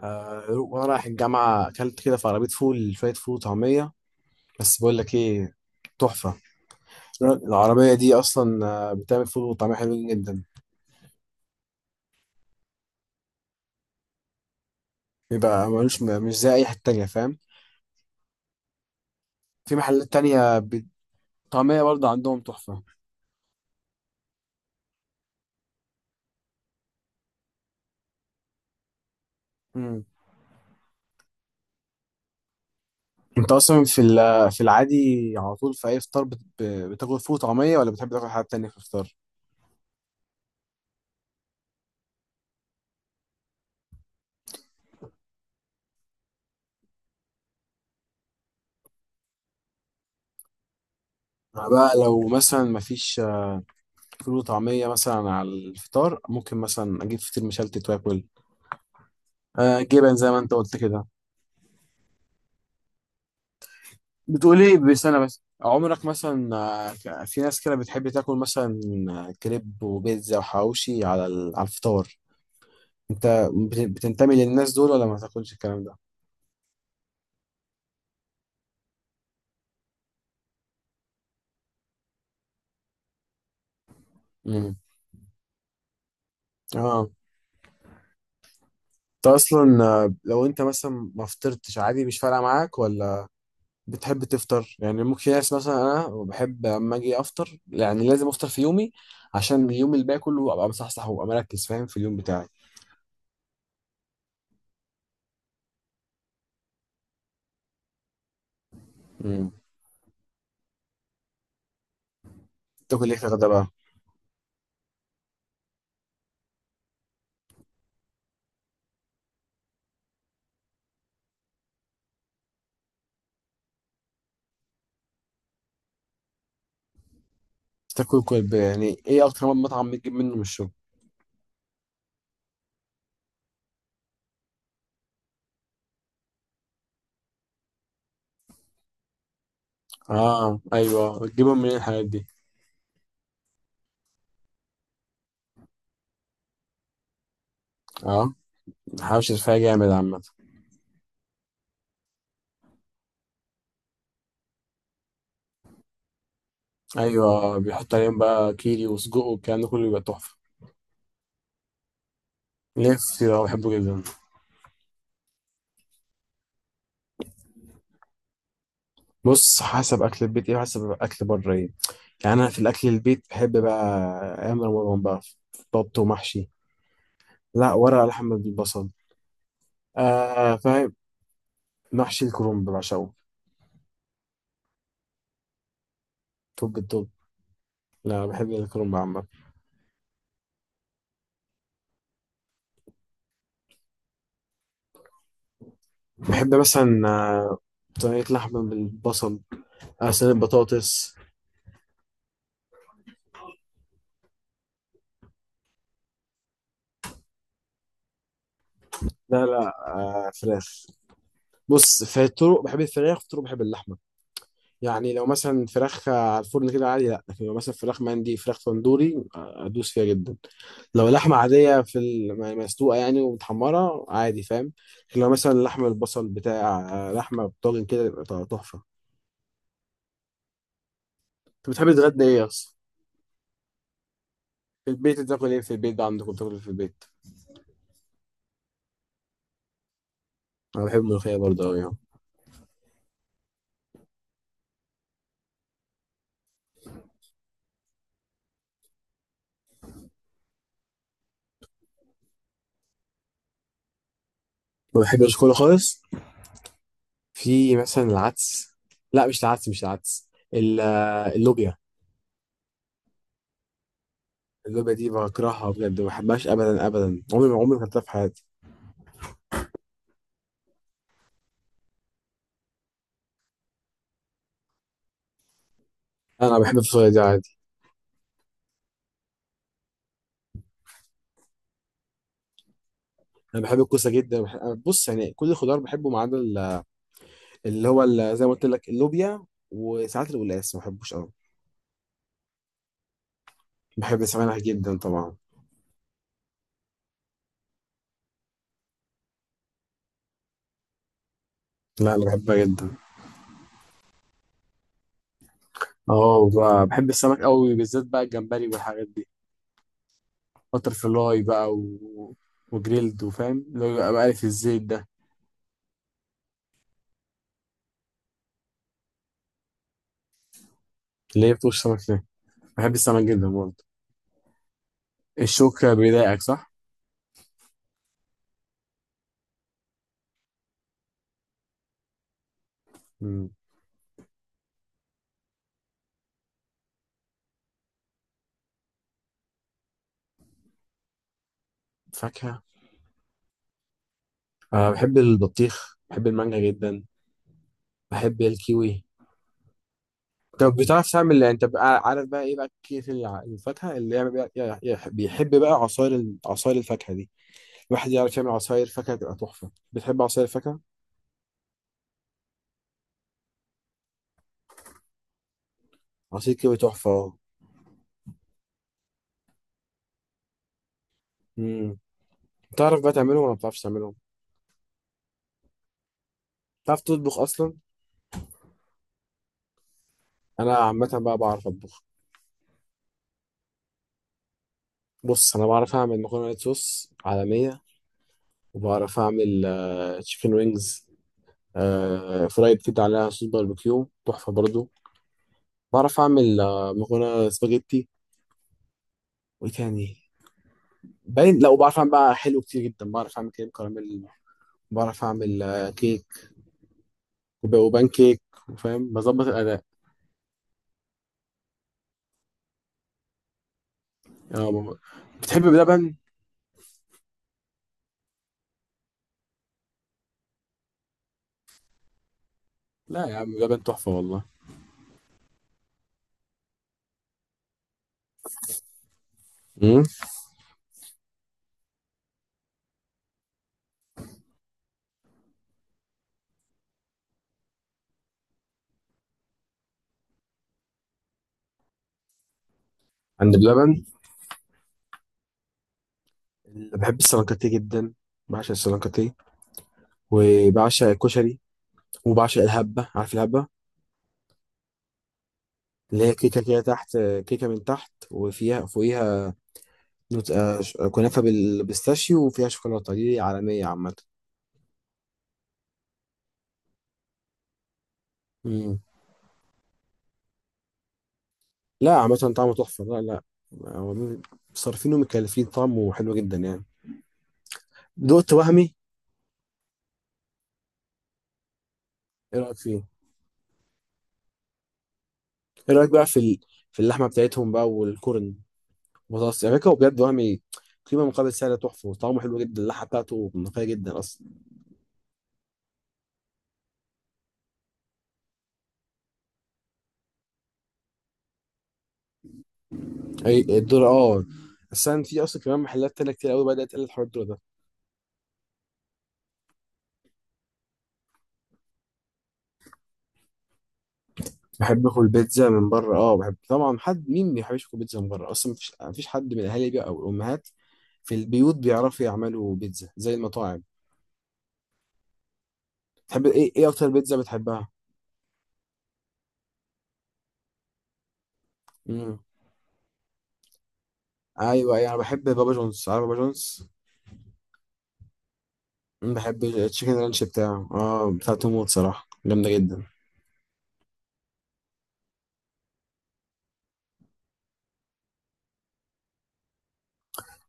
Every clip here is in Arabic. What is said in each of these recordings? آه، وانا رايح الجامعه اكلت كده في عربيه فول، شويه فول وطعميه. بس بقول لك ايه؟ تحفه. العربيه دي اصلا بتعمل فول وطعميه حلوين جدا. بيبقى ملوش، مش زي اي حته تانية، فاهم؟ في محلات تانية طعميه برضه عندهم تحفه. مم. انت اصلا في في العادي على طول في اي فطار بتاكل فول وطعميه ولا بتحب تاكل حاجه تانية في الفطار؟ أنا بقى لو مثلا مفيش فول وطعميه مثلا على الفطار، ممكن مثلا اجيب فطير مشلتت واكل. جبن زي ما انت قلت كده. بتقولي بسنة بس عمرك مثلا، في ناس كده بتحب تاكل مثلا كريب وبيتزا وحواوشي على على الفطار. انت بتنتمي للناس دول ولا ما تاكلش الكلام ده؟ امم اه. انت اصلا لو انت مثلا ما فطرتش عادي، مش فارقة معاك، ولا بتحب تفطر؟ يعني ممكن في ناس، مثلا انا بحب اما اجي افطر، يعني لازم افطر في يومي، عشان اليوم اللي باقي كله ابقى مصحصح وابقى مركز، فاهم، في اليوم بتاعي. امم. تاكل ايه في الغدا بقى؟ تاكل كل يعني ايه اكتر مطعم بتجيب منه من الشغل؟ اه ايوه، تجيبهم منين الحاجات دي؟ اه، الحوش الرفاعي جامد عامة. ايوه، بيحط عليهم بقى كيري وسجق والكلام ده كله، بيبقى تحفة. نفسي، ده بحبه جدا. بص حسب اكل البيت ايه وحسب اكل بره ايه. يعني انا في الاكل البيت بحب بقى ايام رمضان بقى بط ومحشي. لا، ورق لحمة بالبصل. فاهم، محشي الكرنب بعشقه. توب التوب. لا، بحب الكرنب عامة. بحب مثلا صينية لحمة بالبصل، صينية بطاطس. لا لا، فراخ. بص، في الطرق بحب الفراخ، في الطرق بحب اللحمه. يعني لو مثلا فراخ على الفرن كده عادي، لا. لكن لو مثلا فراخ مندي، فراخ تندوري، ادوس فيها جدا. لو لحمه عاديه في مسلوقه يعني ومتحمره، عادي، فاهم. لكن لو مثلا لحم البصل بتاع، لحمه بطاجن كده، يبقى تحفه. انت بتحب تتغدى ايه اصلا؟ في البيت بتاكل ايه؟ في البيت ده عندكم بتاكل إيه في البيت؟ انا بحب الملوخيه برضه قوي ما. بحبش كله خالص. في مثلا العدس، لا مش العدس، مش العدس اللوبيا. اللعبة دي بكرهها بجد، ما بحبهاش أبدا أبدا، عمري ما، عمري ما كلتها في حياتي. أنا بحب الفصوليا دي عادي. أنا بحب الكوسة جدا. بح... أنا بص يعني كل الخضار بحبه ما عدا اللي هو زي ما قلت لك اللوبيا، وساعات القلقاس ما بحبوش أوي. بحب السمك جدا طبعا. لا أنا بحبها جدا. أه، بحب السمك أوي، بالذات بقى الجمبري والحاجات دي. بتر فلاي بقى، و... وجريلد، وفاهم اللي هو بقى مقلي في الزيت ده. اللي هي بتوش سمك ده، بحب السمك جدا برضه. الشوكة بيضايقك، صح؟ مم. فاكهة. أه، بحب البطيخ، بحب المانجا جدا، بحب الكيوي. طب بتعرف تعمل إيه؟ انت بقى عارف بقى ايه بقى كيف الفاكهه اللي يعمل بقى، بيحب بقى عصاير عصاير الفاكهه دي. الواحد يعرف يعمل عصاير فاكهه تبقى تحفه. بتحب عصاير الفاكهه؟ عصير كيوي تحفه. امم. بتعرف بقى تعملهم ولا ما بتعرفش تعملهم؟ بتعرف تطبخ اصلا؟ انا عامه بقى بعرف اطبخ. بص انا بعرف اعمل مكرونه وايت صوص عالميه، وبعرف اعمل تشيكن وينجز، فرايد كده عليها صوص باربيكيو تحفه برضو. بعرف اعمل مكرونه سباجيتي. وايه تاني؟ باين، لا، وبعرف اعمل بقى حلو كتير جدا. بعرف اعمل كريم كراميل، بعرف اعمل كيك، وبان كيك، وفاهم بظبط الاداء. آه، ب- بتحب بلبن؟ لا يا عم بلبن تحفه والله. امم. عند بلبن اللي بحب السلانكاتيه جدا، بعشق السلانكاتيه، وبعشق الكشري، وبعشق الهبه. عارف الهبه؟ اللي هي كيكه كده تحت، كيكه من تحت وفيها فوقيها، كنافه بالبيستاشيو وفيها شوكولاته، دي عالميه عامه. مم. لا عامة طعمه تحفة، لا لا. هو مين- صارفين ومكلفين، طعمه حلو جدا يعني. دقت وهمي؟ ايه رأيك فيه؟ ايه رأيك بقى في ال... في اللحمة بتاعتهم بقى والكرن بطاطس، يعني فكرة بجد وهمي. قيمة مقابل سعر تحفة، وطعمه حلو جدا، اللحمة بتاعته نقية جدا أصلا. أي الدور، اه. أصلا في، أصلا كمان محلات تانية كتير قوي بدأت تقلل حوار الدور ده. بحب آكل بيتزا من بره اه، بحب طبعا. حد مين ما بيحبش ياكل بيتزا من بره؟ أصلا مفيش حد من الأهالي بقى أو الأمهات في البيوت بيعرفوا يعملوا بيتزا زي المطاعم. تحب ايه؟ ايه اكتر بيتزا بتحبها؟ مم. ايوه ايوه، انا بحب بابا جونز. عارف بابا جونز؟ أمم، بحب التشيكن رانش بتاعه، اه بتاع توموت، صراحه جامده جدا.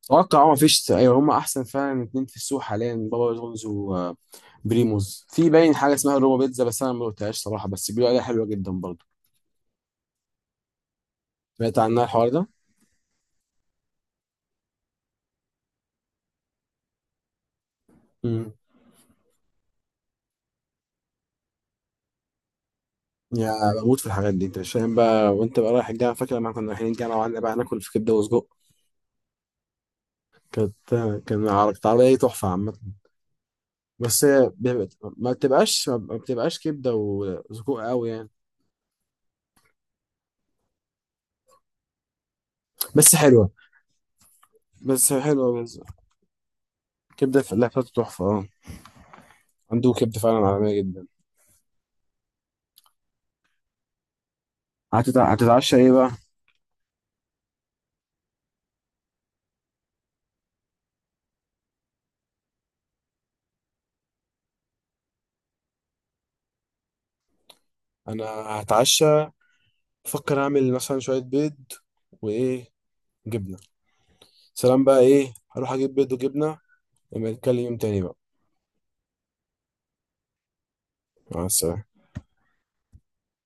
اتوقع اه مفيش، ايوه هما احسن فعلا اتنين في السوق حاليا، بابا جونز وبريموز. في باين حاجه اسمها روما بيتزا، بس انا ما دقتهاش صراحه، بس بيقولوا عليها حلوه جدا برضه. سمعت عنها الحوار ده. مم. يا، بموت في الحاجات دي. انت مش فاهم بقى، وانت بقى رايح الجامعه، فاكر لما كنا رايحين الجامعه وقعدنا بقى ناكل في كبده وسجق؟ كانت، كانت عربيه تحفه عامه. بس هي ما بتبقاش كبده وسجق قوي يعني. بس حلوه، بس حلوه بس. كبده الفلاح بتاعته تحفه اه، عنده كبده فعلا عالميه جدا. هتتعشى ايه بقى؟ انا هتعشى، افكر اعمل مثلا شويه بيض، وايه، جبنه. سلام بقى، ايه هروح اجيب بيض وجبنه، نبقى نتكلم يوم تاني بقى. مع السلامه.